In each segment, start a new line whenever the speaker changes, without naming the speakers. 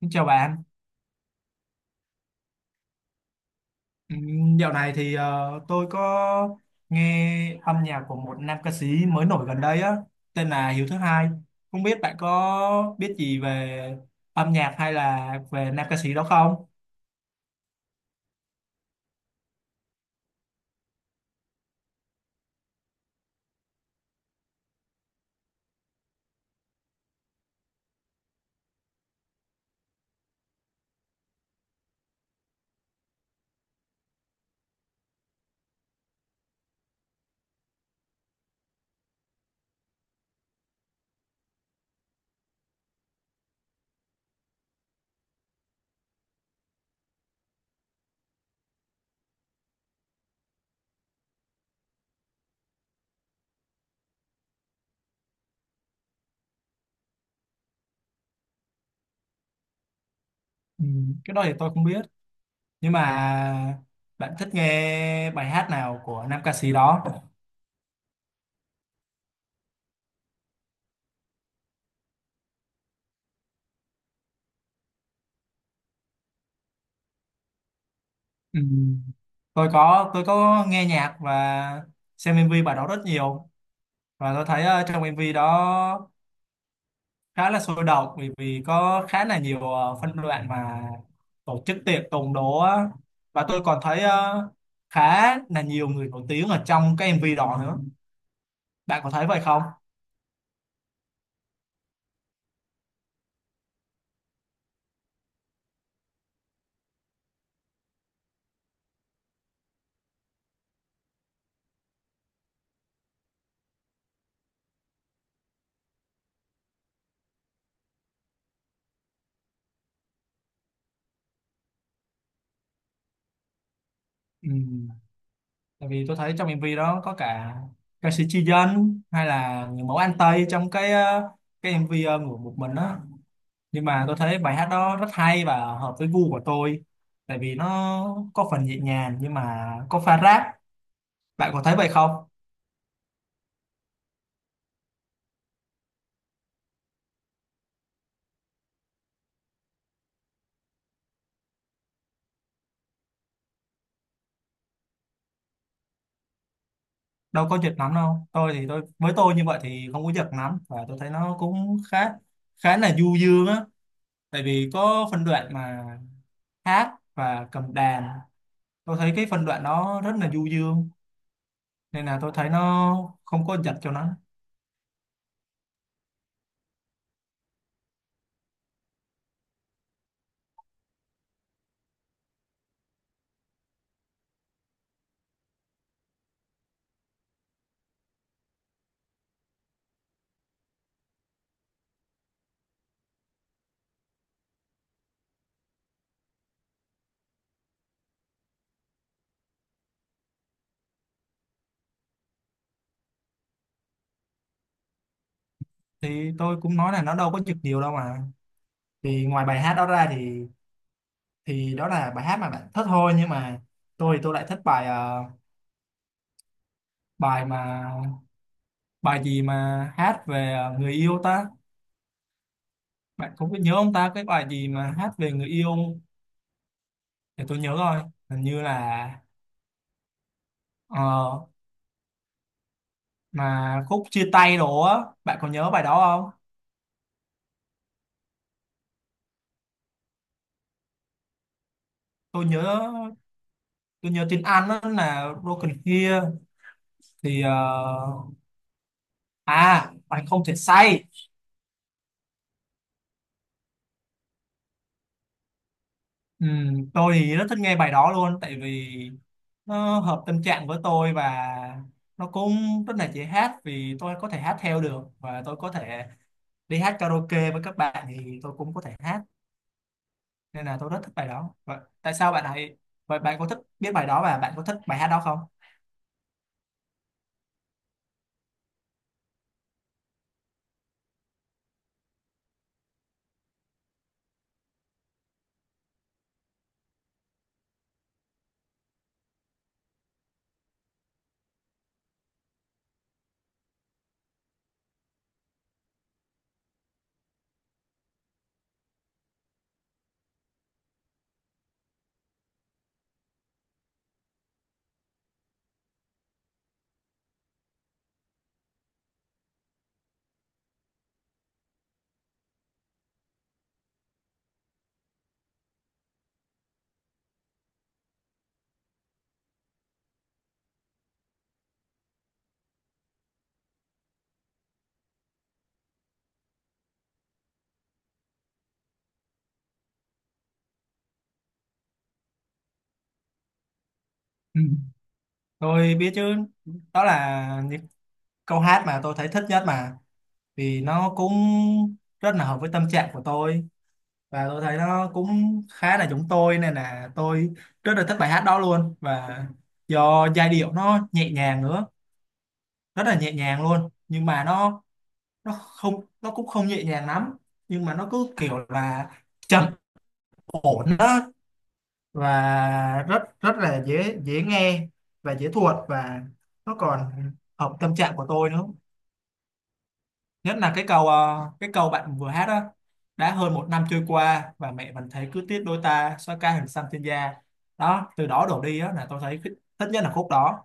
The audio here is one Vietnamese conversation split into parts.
Xin chào bạn. Dạo này thì tôi có nghe âm nhạc của một nam ca sĩ mới nổi gần đây á, tên là Hiếu Thứ Hai. Không biết bạn có biết gì về âm nhạc hay là về nam ca sĩ đó không? Cái đó thì tôi không biết. Nhưng mà bạn thích nghe bài hát nào của nam ca sĩ đó? Ừm, tôi có nghe nhạc và xem MV bài đó rất nhiều, và tôi thấy trong MV đó khá là sôi động, bởi vì có khá là nhiều phân đoạn mà tổ chức tiệc tùng đó á. Và tôi còn thấy khá là nhiều người nổi tiếng ở trong cái MV đó nữa. Bạn có thấy vậy không? Ừ. Tại vì tôi thấy trong MV đó có cả ca sĩ Chi Dân hay là người mẫu An Tây trong cái MV ngủ một mình đó. Nhưng mà tôi thấy bài hát đó rất hay và hợp với gu của tôi, tại vì nó có phần nhẹ nhàng nhưng mà có pha rap. Bạn có thấy vậy không? Đâu có việc lắm đâu. Tôi thì tôi, với tôi như vậy thì không có việc lắm, và tôi thấy nó cũng khá, khá là du dương á. Tại vì có phân đoạn mà hát và cầm đàn, tôi thấy cái phân đoạn đó rất là du dương, nên là tôi thấy nó không có giật cho nó. Thì tôi cũng nói là nó đâu có giật nhiều đâu mà. Thì ngoài bài hát đó ra thì đó là bài hát mà bạn thích thôi, nhưng mà tôi thì tôi lại thích bài bài mà, bài gì mà hát về người yêu ta. Bạn cũng biết nhớ ông ta cái bài gì mà hát về người yêu không? Để tôi nhớ rồi, hình như là ờ, mà khúc chia tay đồ á. Bạn có nhớ bài đó không? Tôi nhớ tôi nhớ tiếng Anh đó là Broken Here. Thì à, bạn không thể say. Ừ, tôi thì rất thích nghe bài đó luôn, tại vì nó hợp tâm trạng với tôi, và nó cũng rất là dễ hát vì tôi có thể hát theo được, và tôi có thể đi hát karaoke với các bạn thì tôi cũng có thể hát. Nên là tôi rất thích bài đó. Vậy tại sao bạn lại, vậy bạn có thích biết bài đó và bạn có thích bài hát đó không? Ừ. Tôi biết chứ. Đó là những câu hát mà tôi thấy thích nhất mà, vì nó cũng rất là hợp với tâm trạng của tôi, và tôi thấy nó cũng khá là giống tôi, nên là tôi rất là thích bài hát đó luôn. Và do giai điệu nó nhẹ nhàng nữa, rất là nhẹ nhàng luôn, nhưng mà nó cũng không nhẹ nhàng lắm, nhưng mà nó cứ kiểu là trầm ổn đó, và rất rất là dễ dễ nghe và dễ thuộc, và nó còn hợp tâm trạng của tôi nữa. Nhất là cái câu cái câu bạn vừa hát đó, đã hơn một năm trôi qua và mẹ vẫn thấy cứ tiếc đôi ta xóa ca hình xăm trên da, đó từ đó đổ đi á, là tôi thấy thích, thích nhất là khúc đó.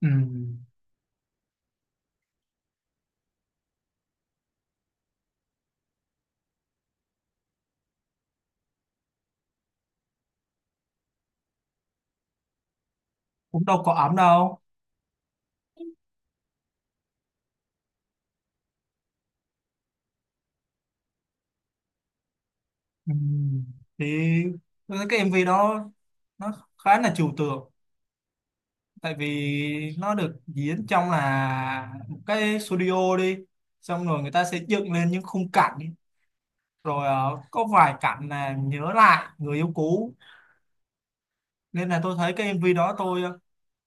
Ừ. Cũng đâu có ấm đâu. Ừ. Thì tôi thấy cái MV đó nó khá là trừu tượng, tại vì nó được diễn trong là một cái studio đi, xong rồi người ta sẽ dựng lên những khung cảnh ý. Rồi có vài cảnh là nhớ lại người yêu cũ, nên là tôi thấy cái MV đó tôi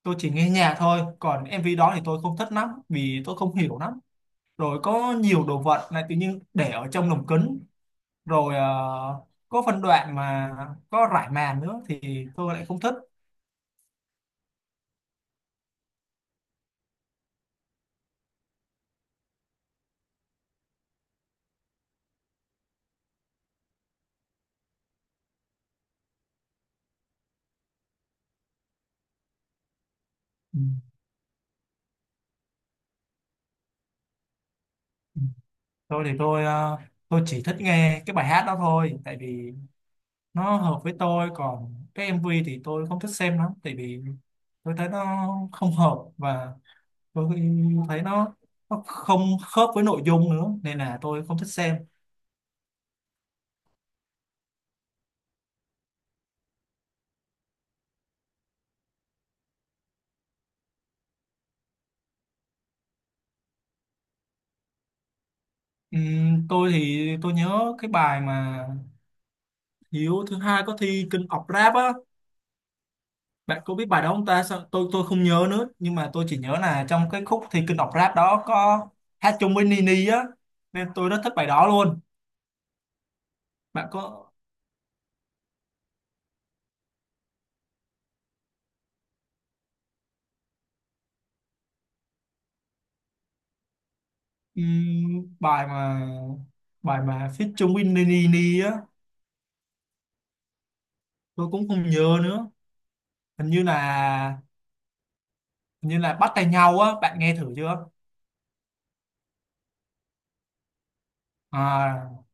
tôi chỉ nghe nhạc thôi, còn MV đó thì tôi không thích lắm vì tôi không hiểu lắm. Rồi có nhiều đồ vật này tự nhiên để ở trong lồng kính, rồi có phân đoạn mà có rải màn nữa thì tôi lại không thích. Ừ. Tôi thì tôi tôi chỉ thích nghe cái bài hát đó thôi, tại vì nó hợp với tôi. Còn cái MV thì tôi không thích xem lắm, tại vì tôi thấy nó không hợp, và tôi thấy nó không khớp với nội dung nữa, nên là tôi không thích xem. Tôi thì tôi nhớ cái bài mà Hiếu thứ hai có thi King of Rap á. Bạn có biết bài đó không ta? Tôi không nhớ nữa, nhưng mà tôi chỉ nhớ là trong cái khúc thi King of Rap đó có hát chung với Nini á, nên tôi rất thích bài đó luôn. Bạn có. Bài mà, bài mà feat chung với Nini á, tôi cũng không nhớ nữa. Hình như là, hình như là bắt tay nhau á. Bạn nghe thử chưa? À,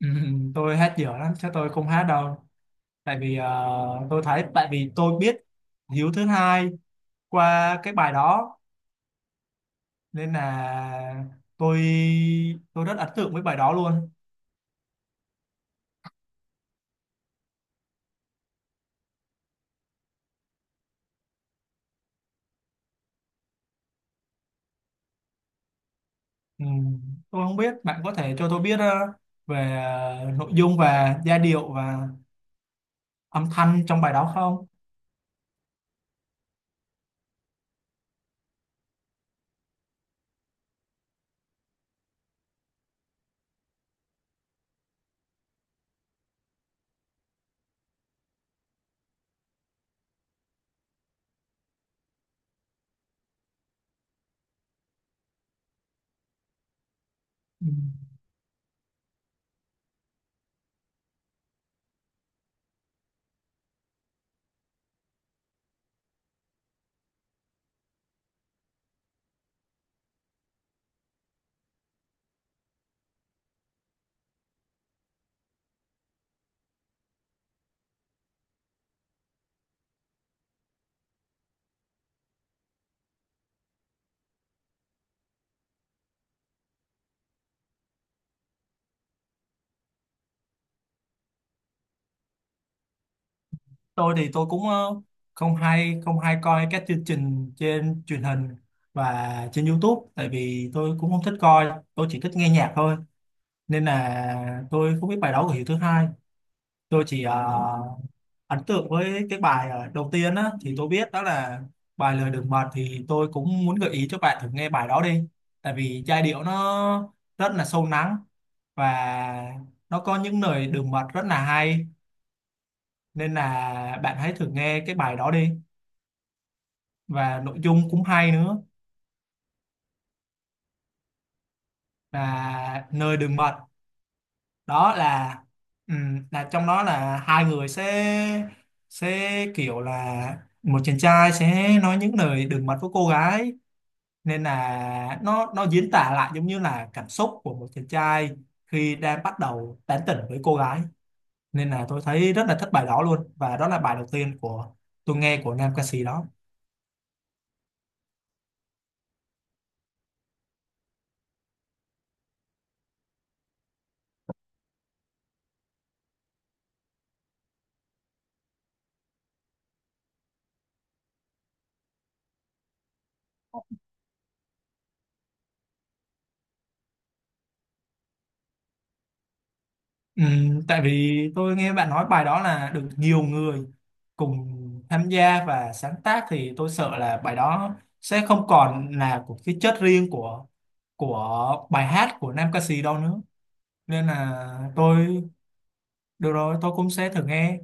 tôi hát dở lắm chắc tôi không hát đâu. Tại vì tôi thấy tại vì tôi biết Hiếu thứ hai qua cái bài đó, nên là tôi tôi rất ấn tượng với bài đó luôn. Ừm, tôi không biết, bạn có thể cho tôi biết về nội dung và giai điệu và âm thanh trong bài đó không? Ừ. Tôi thì tôi cũng không hay, không hay coi các chương trình trên truyền hình và trên YouTube, tại vì tôi cũng không thích coi, tôi chỉ thích nghe nhạc thôi, nên là tôi không biết bài đó của Hiếu thứ hai. Tôi chỉ ấn tượng với cái bài đầu tiên á, thì tôi biết đó là bài lời đường mật. Thì tôi cũng muốn gợi ý cho bạn thử nghe bài đó đi, tại vì giai điệu nó rất là sâu lắng, và nó có những lời đường mật rất là hay, nên là bạn hãy thử nghe cái bài đó đi, và nội dung cũng hay nữa. Là nơi đường mật. Đó là trong đó là hai người sẽ kiểu là một chàng trai sẽ nói những lời đường mật với cô gái, nên là nó diễn tả lại giống như là cảm xúc của một chàng trai khi đang bắt đầu tán tỉnh với cô gái. Nên là tôi thấy rất là thích bài đó luôn, và đó là bài đầu tiên của tôi nghe của nam ca sĩ đó. Ừ, tại vì tôi nghe bạn nói bài đó là được nhiều người cùng tham gia và sáng tác, thì tôi sợ là bài đó sẽ không còn là của cái chất riêng của bài hát của nam ca sĩ đâu nữa, nên là tôi, được rồi, tôi cũng sẽ thử nghe.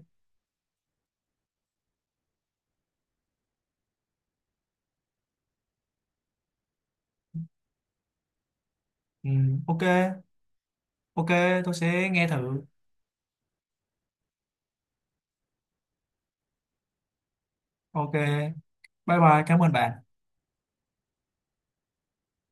Ừ, ok, ok, tôi sẽ nghe thử. Ok, bye bye, cảm ơn bạn.